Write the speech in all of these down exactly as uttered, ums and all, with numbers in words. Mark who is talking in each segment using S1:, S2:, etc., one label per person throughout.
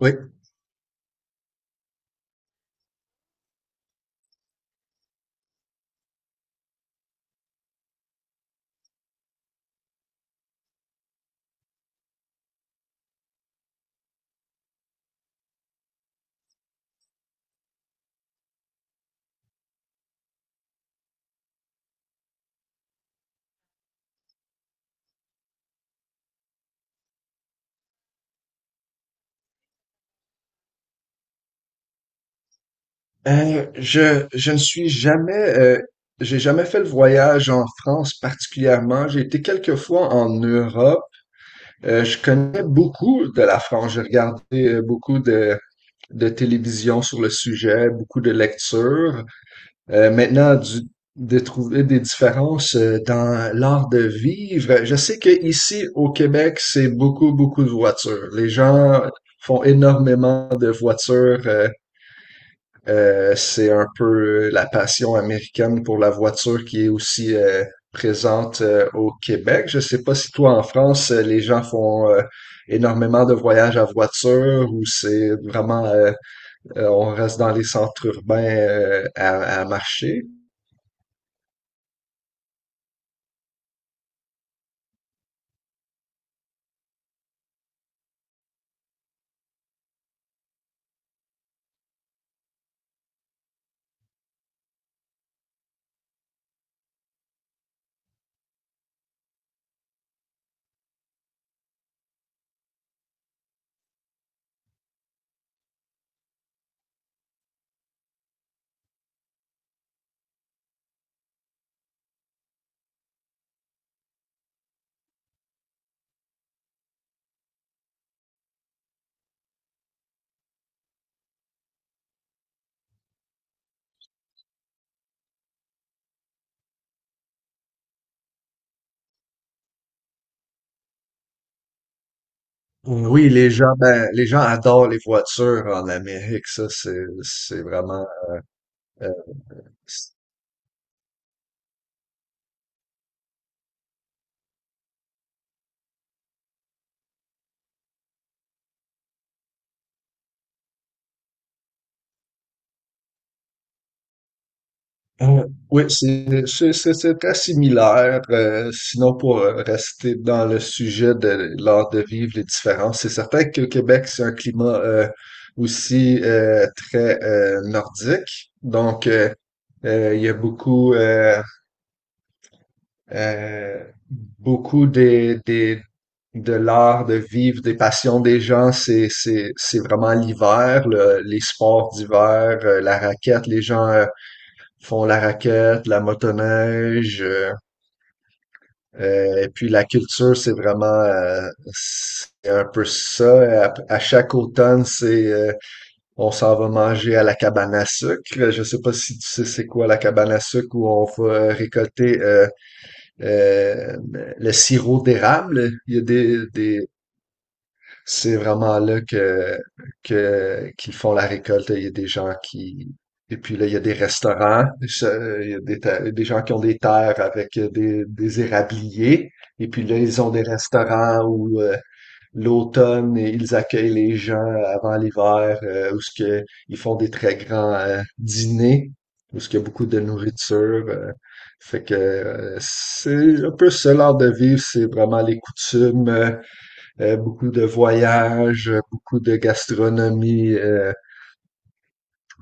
S1: Oui. Euh, je, je ne suis jamais, euh, j'ai jamais fait le voyage en France particulièrement. J'ai été quelques fois en Europe. Euh, je connais beaucoup de la France. J'ai regardé euh, beaucoup de, de télévision sur le sujet, beaucoup de lectures. Euh, maintenant, du, de trouver des différences euh, dans l'art de vivre. Je sais que ici au Québec, c'est beaucoup, beaucoup de voitures. Les gens font énormément de voitures. Euh, Euh, c'est un peu euh, la passion américaine pour la voiture qui est aussi euh, présente euh, au Québec. Je sais pas si toi en France, euh, les gens font euh, énormément de voyages à voiture ou c'est vraiment euh, euh, on reste dans les centres urbains euh, à, à marcher. Oui, les gens, ben, les gens adorent les voitures en Amérique, ça, c'est, c'est vraiment, euh, Euh, oui, c'est c'est- c'est- c'est très similaire. Euh, sinon, pour euh, rester dans le sujet de l'art de vivre, les différences, c'est certain que le Québec, c'est un climat euh, aussi euh, très euh, nordique. Donc, euh, euh, il y a beaucoup, euh, euh, beaucoup des, des, de l'art de vivre, des passions des gens, c'est, c'est, c'est vraiment l'hiver, le- les sports d'hiver, euh, la raquette, les gens euh, ils font la raquette, la motoneige, euh, euh, et puis la culture, c'est vraiment euh, c'est un peu ça. À, à chaque automne, c'est euh, on s'en va manger à la cabane à sucre. Je sais pas si tu sais c'est quoi la cabane à sucre où on va récolter euh, euh, le sirop d'érable. Il y a des, des c'est vraiment là que, que, qu'ils font la récolte. Il y a des gens qui, et puis là, il y a des restaurants, ça, il y a des, ter- des gens qui ont des terres avec des, des érabliers. Et puis là, ils ont des restaurants où euh, l'automne, ils accueillent les gens avant l'hiver, euh, où ce que, ils font des très grands euh, dîners, où ce qu'il y a beaucoup de nourriture. euh. Fait que euh, c'est un peu ce l'art de vivre, c'est vraiment les coutumes, euh, euh, beaucoup de voyages, euh, beaucoup de gastronomie euh,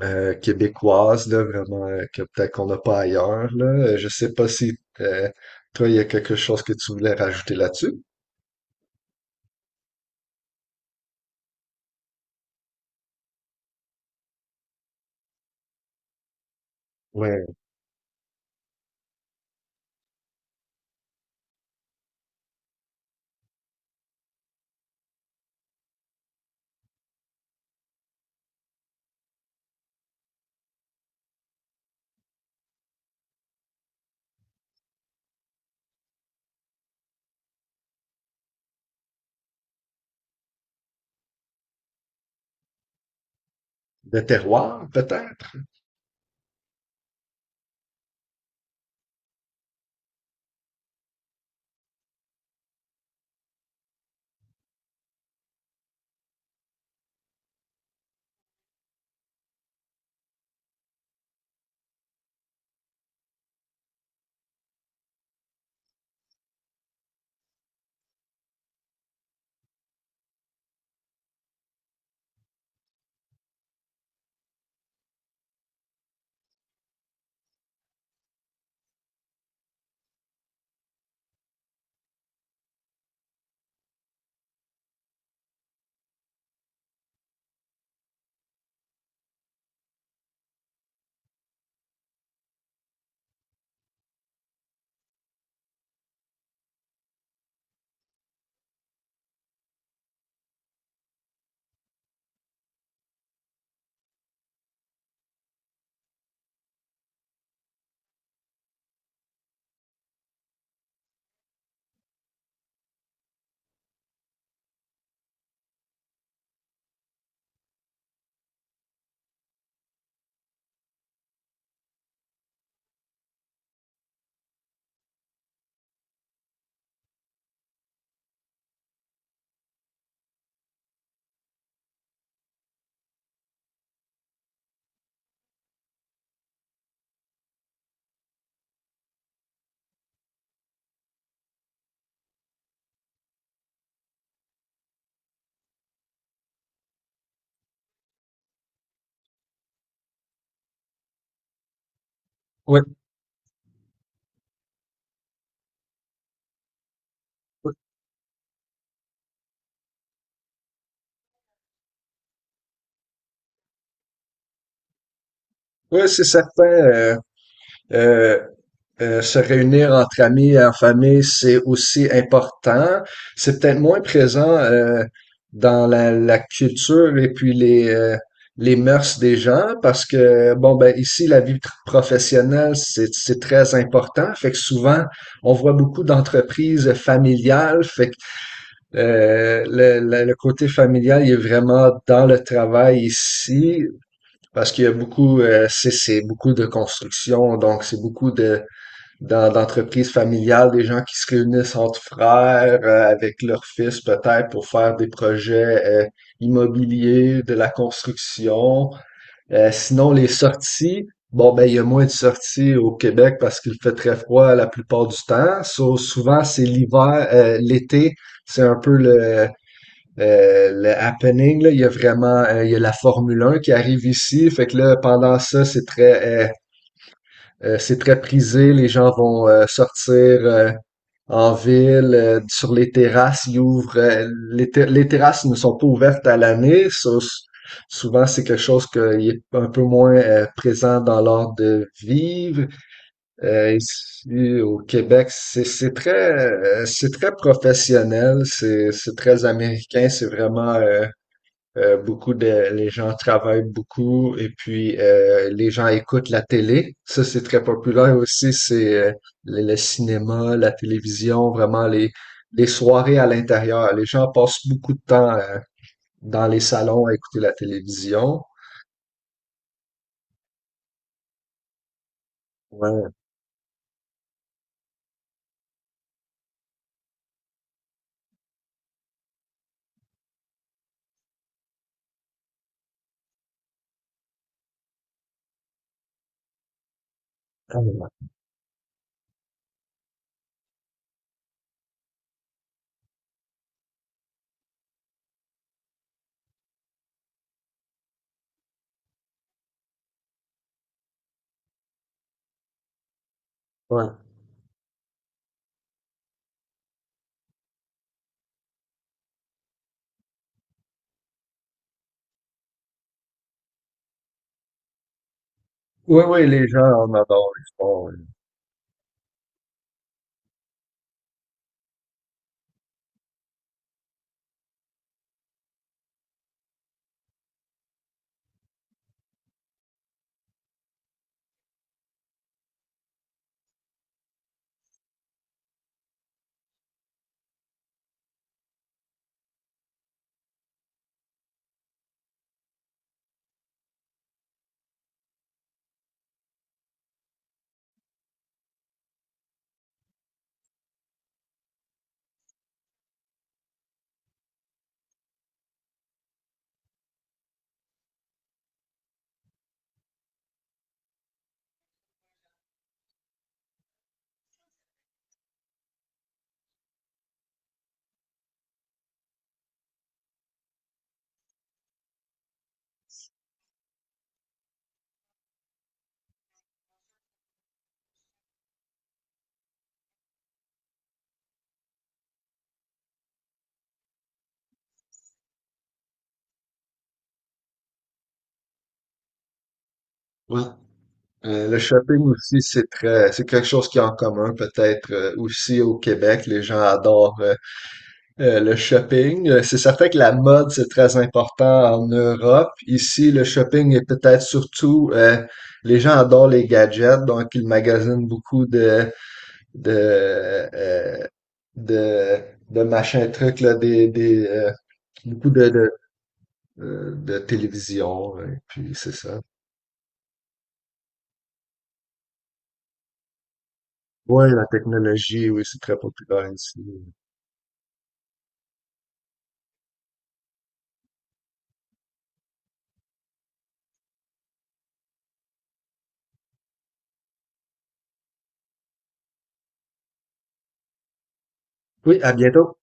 S1: euh, québécoise, là, vraiment, euh, que peut-être qu'on n'a pas ailleurs, là. Euh, Je sais pas si euh, toi, il y a quelque chose que tu voulais rajouter là-dessus. Ouais. De terroir, peut-être? Oui, ouais, ouais, c'est certain. euh, euh, Euh, se réunir entre amis en famille, c'est aussi important. C'est peut-être moins présent euh, dans la, la culture et puis les, euh, les mœurs des gens parce que, bon, ben ici, la vie tr- professionnelle, c'est, c'est très important. Fait que souvent, on voit beaucoup d'entreprises familiales. Fait que euh, le, le- le côté familial, il est vraiment dans le travail ici parce qu'il y a beaucoup, euh, c'est, c'est beaucoup de construction, donc c'est beaucoup de dans l'entreprise familiale, des gens qui se réunissent entre frères euh, avec leurs fils peut-être pour faire des projets euh, immobiliers, de la construction. Euh, sinon, les sorties, bon ben il y a moins de sorties au Québec parce qu'il fait très froid la plupart du temps. So, souvent c'est l'hiver, euh, l'été, c'est un peu le euh, le happening, là, il y a vraiment euh, il y a la Formule un qui arrive ici, fait que là pendant ça c'est très euh, euh, c'est très prisé, les gens vont euh, sortir euh, en ville, euh, sur les terrasses, ils ouvrent. Euh, les, ter- les terrasses ne sont pas ouvertes à l'année. Ça, s- souvent, c'est quelque chose qui est un peu moins euh, présent dans l'ordre de vivre. Euh, ici, au Québec, c'est c'est très, euh, c'est très professionnel, c'est c'est très américain, c'est vraiment euh, euh, beaucoup de les gens travaillent beaucoup et puis euh, les gens écoutent la télé. Ça, c'est très populaire aussi. C'est euh, le, le cinéma, la télévision, vraiment les les soirées à l'intérieur. Les gens passent beaucoup de temps euh, dans les salons à écouter la télévision. Ouais, tellement. Ouais. Oui, oui, les gens en adorent le sport. Oui. Ouais. Euh, le shopping aussi, c'est très, c'est quelque chose qui est en commun, peut-être euh, aussi au Québec. Les gens adorent euh, Euh, le shopping, euh, c'est certain que la mode, c'est très important en Europe. Ici, le shopping est peut-être surtout, euh, les gens adorent les gadgets, donc ils magasinent beaucoup de, de, euh, de, de machins trucs, là, des, des, euh, beaucoup de, de, euh, de télévision, et puis c'est ça. Oui, la technologie, oui, c'est très populaire ici. Oui, à bientôt.